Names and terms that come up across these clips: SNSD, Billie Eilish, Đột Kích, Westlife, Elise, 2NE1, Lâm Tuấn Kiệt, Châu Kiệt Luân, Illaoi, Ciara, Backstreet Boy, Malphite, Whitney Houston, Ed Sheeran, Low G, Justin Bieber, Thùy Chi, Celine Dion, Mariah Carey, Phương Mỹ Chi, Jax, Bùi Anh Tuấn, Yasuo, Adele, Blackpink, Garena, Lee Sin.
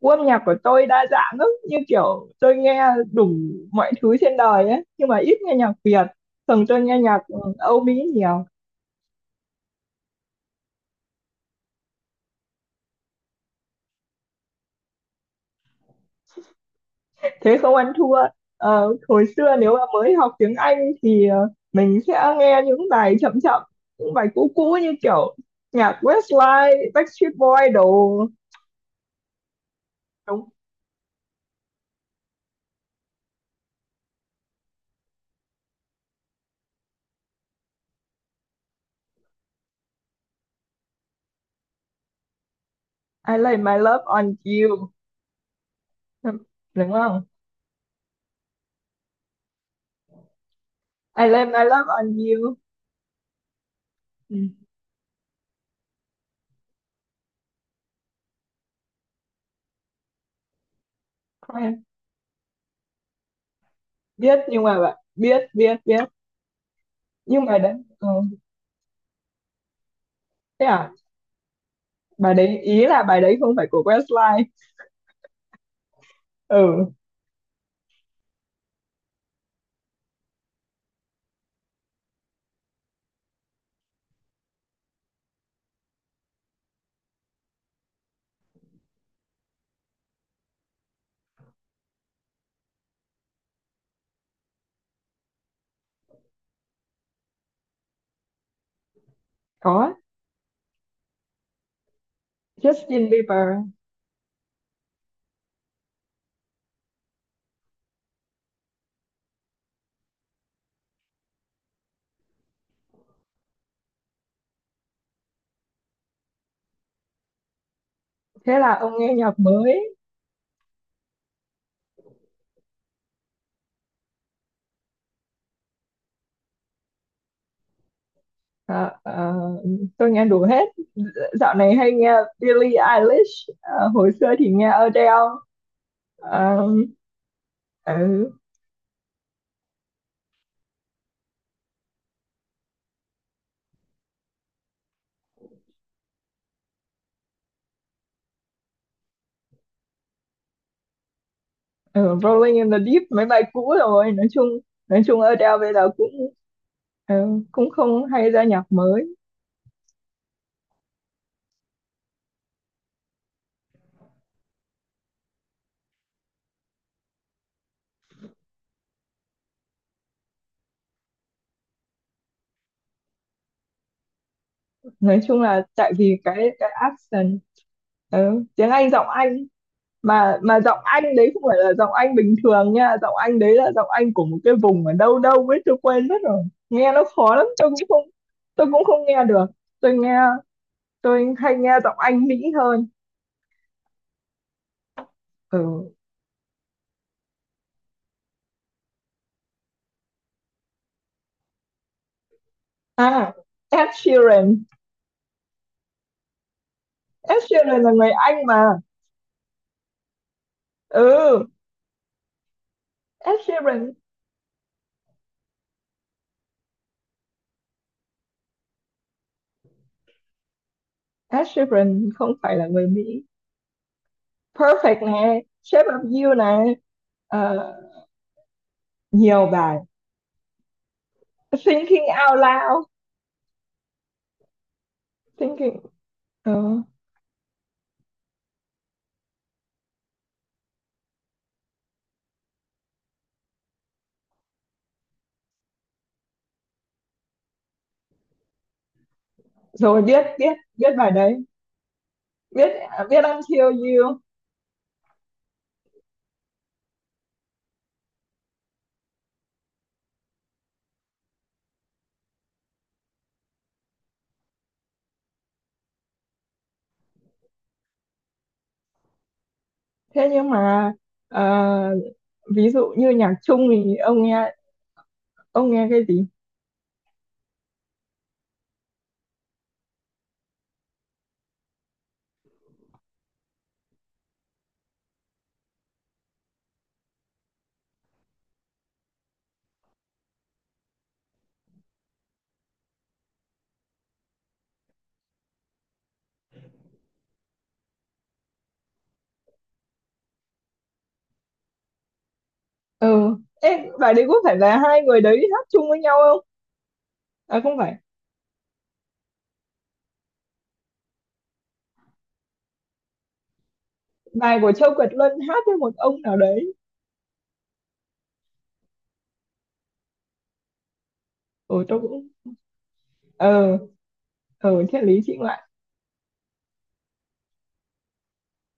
Gu âm nhạc của tôi đa dạng lắm, như kiểu tôi nghe đủ mọi thứ trên đời ấy, nhưng mà ít nghe nhạc Việt. Thường tôi nghe nhạc Âu Mỹ nhiều. Thế không ăn thua. Hồi xưa nếu mà mới học tiếng Anh thì mình sẽ nghe những bài chậm chậm, những bài cũ cũ như kiểu nhạc Westlife, Backstreet Boy đồ. Đúng. I lay my love on you, đúng không? I lay my love on you. Ừ. Quen. Biết, nhưng mà bạn biết biết biết. Nhưng mà đấy, ừ. Thế à? Bài đấy ý là bài đấy không phải của Westlife. Ừ. Có. Justin Bieber. Thế là ông nghe nhạc mới. Ờ, ờ, tôi nghe đủ hết. Dạo này hay nghe Billie Eilish. Ờ, hồi xưa thì nghe Adele. Ờ. Ừ. Ừ, Rolling in the Deep mấy bài cũ rồi. Nói chung, nói chung Adele bây giờ cũng, ừ, cũng không hay ra nhạc mới. Nói chung là tại vì cái accent. Ừ, tiếng Anh, giọng Anh. Mà giọng anh đấy không phải là giọng anh bình thường nha, giọng anh đấy là giọng anh của một cái vùng ở đâu đâu ấy, tôi quên mất rồi. Nghe nó khó lắm, tôi cũng không, tôi cũng không nghe được. Tôi nghe, tôi hay nghe giọng anh Mỹ hơn. Ừ. À, Ed Sheeran. Ed Sheeran là người Anh mà. Ừ. Ed Sheeran. Ed Sheeran không phải là người Mỹ. Perfect này, Shape of You này. Ờ, nhiều bài. Thinking Out Loud. Thinking. Ừ. Rồi, biết biết biết bài đấy. Biết. Biết Until You. Thế nhưng mà, ờ, ví dụ như nhạc chung thì ông nghe, ông nghe cái gì? Ừ. Ê, bài đấy có phải là hai người đấy hát chung với nhau không? À không phải. Bài của Châu Kiệt Luân hát với một ông nào đấy. Ừ tôi cũng, ờ, ờ triết lý chị ngoại.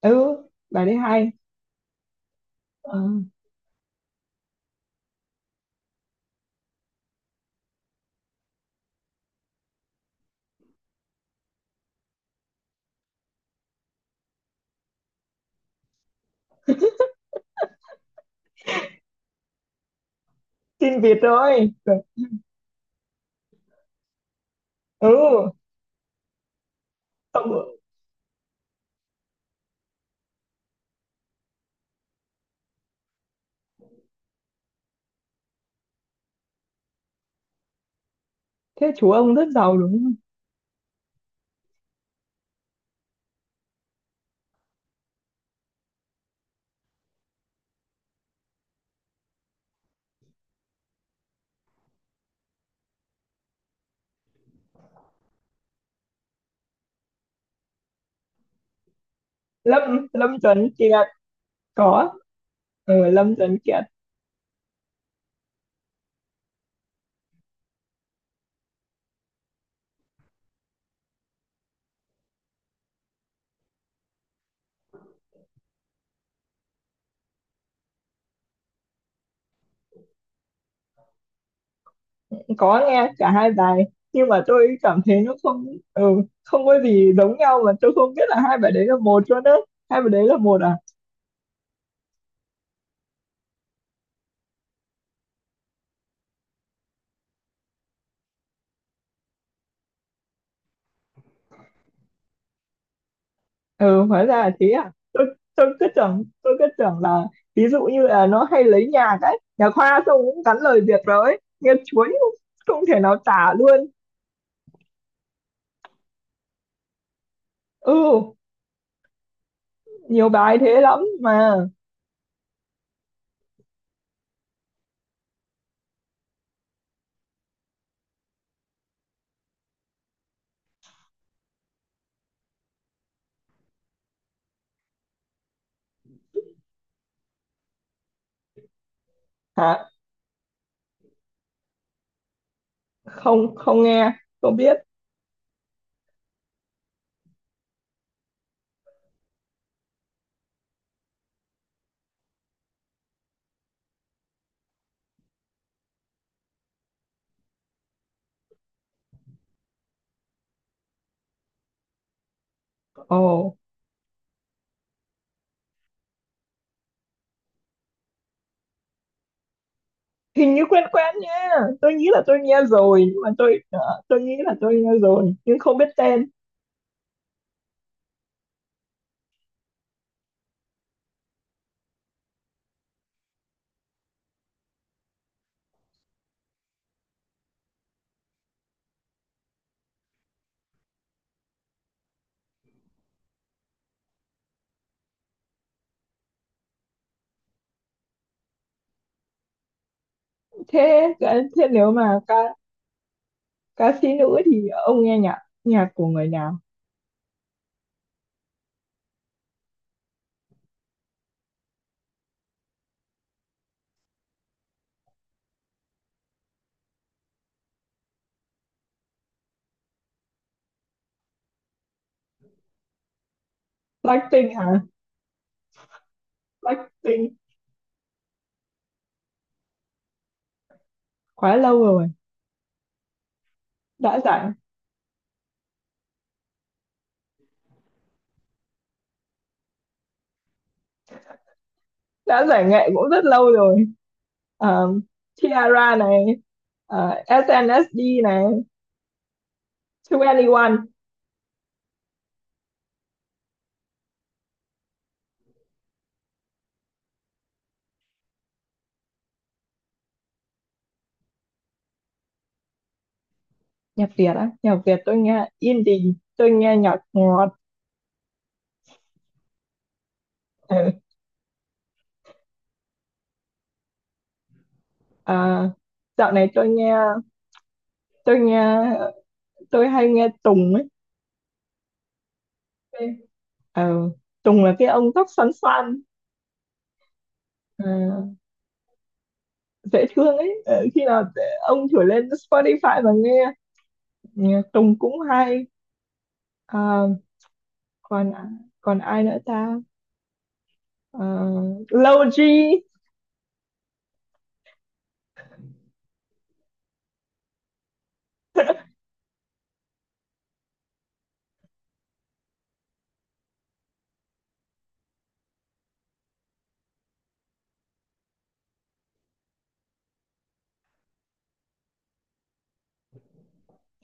Ừ, bài đấy hay. Ờ, tin Việt rồi. Ừ. ông, Thế chú ông rất giàu đúng không? Lâm Lâm Tuấn Kiệt. Có. Ừ, Lâm Tuấn Kiệt. Có nghe cả hai bài, nhưng mà tôi cảm thấy nó không, ừ, không có gì giống nhau mà. Tôi không biết là hai bài đấy là một cho đó. Hai bài đấy là một à? Ừ, hóa ra là thế à. Tôi cứ tưởng, tôi cứ tưởng là ví dụ như là nó hay lấy nhạc ấy nhà khoa xong cũng gắn lời Việt rồi ấy, nghe chuối không, không thể nào tả luôn. Ừ, nhiều bài thế lắm mà. Hả? Không, không nghe. Không biết. Ồ. Hình như quen quen nha. Tôi nghĩ là tôi nghe rồi, nhưng mà tôi, tôi nghĩ là tôi nghe rồi nhưng không biết tên. Thế thế nếu mà ca, ca sĩ nữ thì ông nghe nhạc, nhạc của người nào? Blackpink hả? Blackpink quá lâu rồi, đã giải, đã giải nghệ cũng rất lâu rồi. Ờ, Ciara này, ờ, SNSD này, 2NE1. Nhạc Việt á, nhạc Việt tôi nghe indie, tôi nghe nhạc ngọt. Ừ. Ờ, dạo này tôi nghe, tôi nghe, tôi hay nghe Tùng ấy. Ờ, Tùng là cái ông tóc xoăn xoăn, ờ, dễ thương ấy. Ông thử lên Spotify và nghe. Nhạc Tùng cũng hay. Ờ, còn, còn ai nữa ta? Ờ, Low G.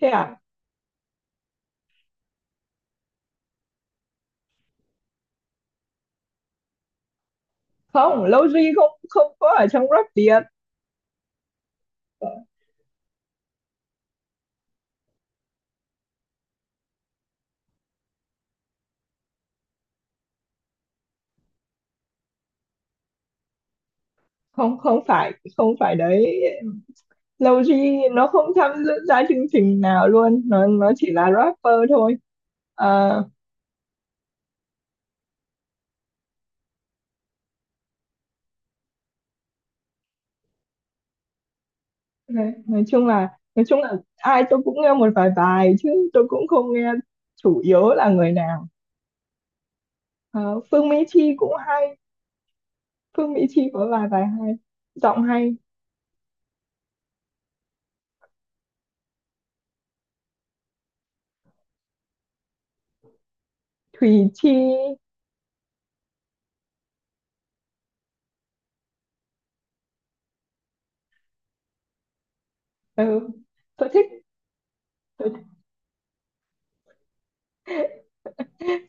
Thế à? Không, Low G không, không có ở trong rap Việt. Không, không phải, không phải đấy. Low G nó không tham gia chương trình nào luôn, nó chỉ là rapper thôi. Ờ. Nói chung là, nói chung là ai tôi cũng nghe một vài bài chứ tôi cũng không nghe chủ yếu là người nào. Ờ, Phương Mỹ Chi cũng hay. Phương Mỹ Chi có vài bài hay, giọng hay. Thùy Chi. Ừ, tôi thích, tôi,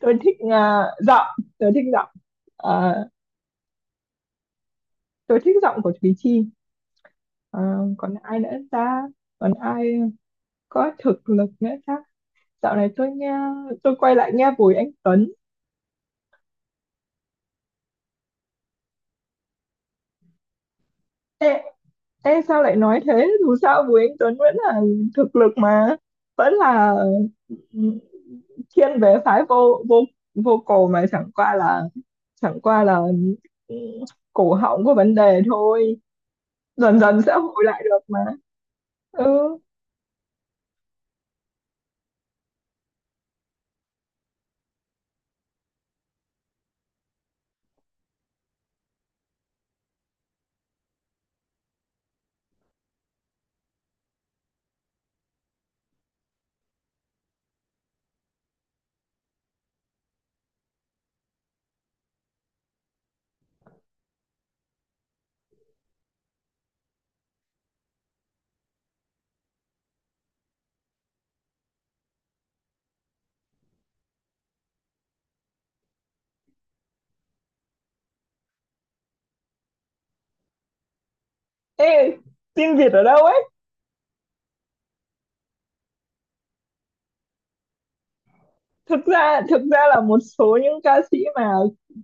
tôi thích, giọng, tôi thích giọng. Ờ, tôi thích giọng của Thùy Chi. Ờ, còn ai nữa ta? Còn ai có thực lực nữa ta? Dạo này tôi nghe, tôi quay lại nghe Bùi Anh Tuấn. Ê, ê sao lại nói thế? Dù sao Bùi Anh Tuấn vẫn là thực lực mà, vẫn là, ừ, thiên về phái vô vô vô cổ, mà chẳng qua là, chẳng qua là, ừ, cổ họng có vấn đề thôi. Dần dần sẽ hồi lại được mà. Ừ. Ê, tin Việt ở đâu ấy. Thực ra, thực ra là một số những ca sĩ mà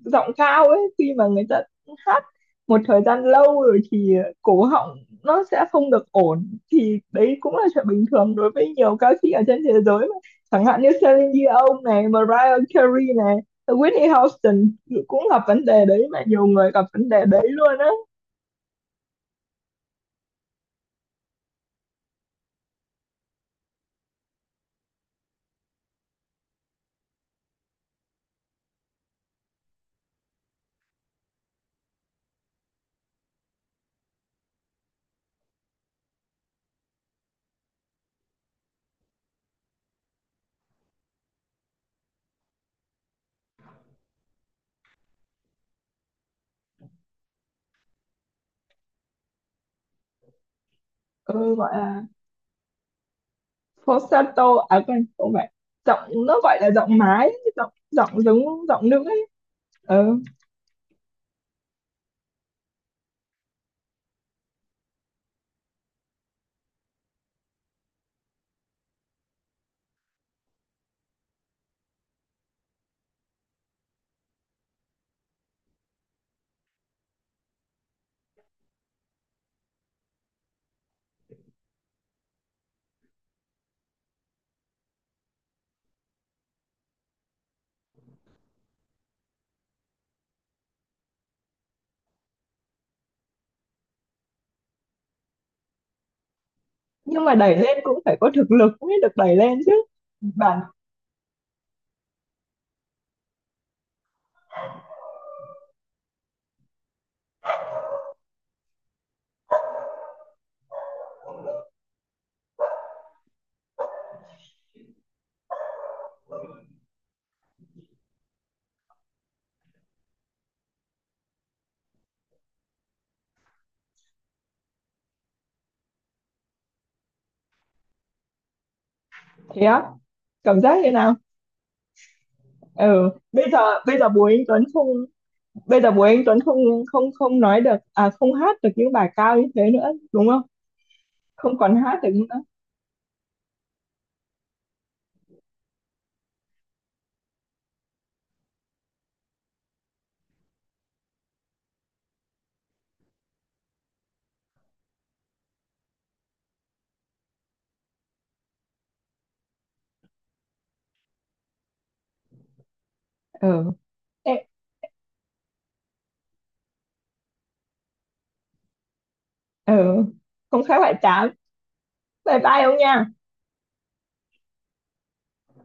giọng cao ấy, khi mà người ta hát một thời gian lâu rồi thì cổ họng nó sẽ không được ổn, thì đấy cũng là chuyện bình thường đối với nhiều ca sĩ ở trên thế giới mà. Chẳng hạn như Celine Dion này, Mariah Carey này, Whitney Houston cũng gặp vấn đề đấy mà, nhiều người gặp vấn đề đấy luôn á. Ừ, gọi là falsetto à, quên, không phải. Giọng nó gọi là giọng mái. Giọng giọng giống giọng nữ ấy. Ừ. Nhưng mà đẩy lên cũng phải có thực lực mới được đẩy lên chứ bạn. Thế á? Cảm giác thế nào? Ừ bây giờ, bây giờ Bùi Anh Tuấn không, bây giờ Bùi Anh Tuấn không, không, không nói được, à không hát được những bài cao như thế nữa đúng không? Không còn hát được nữa. Ừ. Ê. Ừ, không khác bạn tám, bye bye ông nha.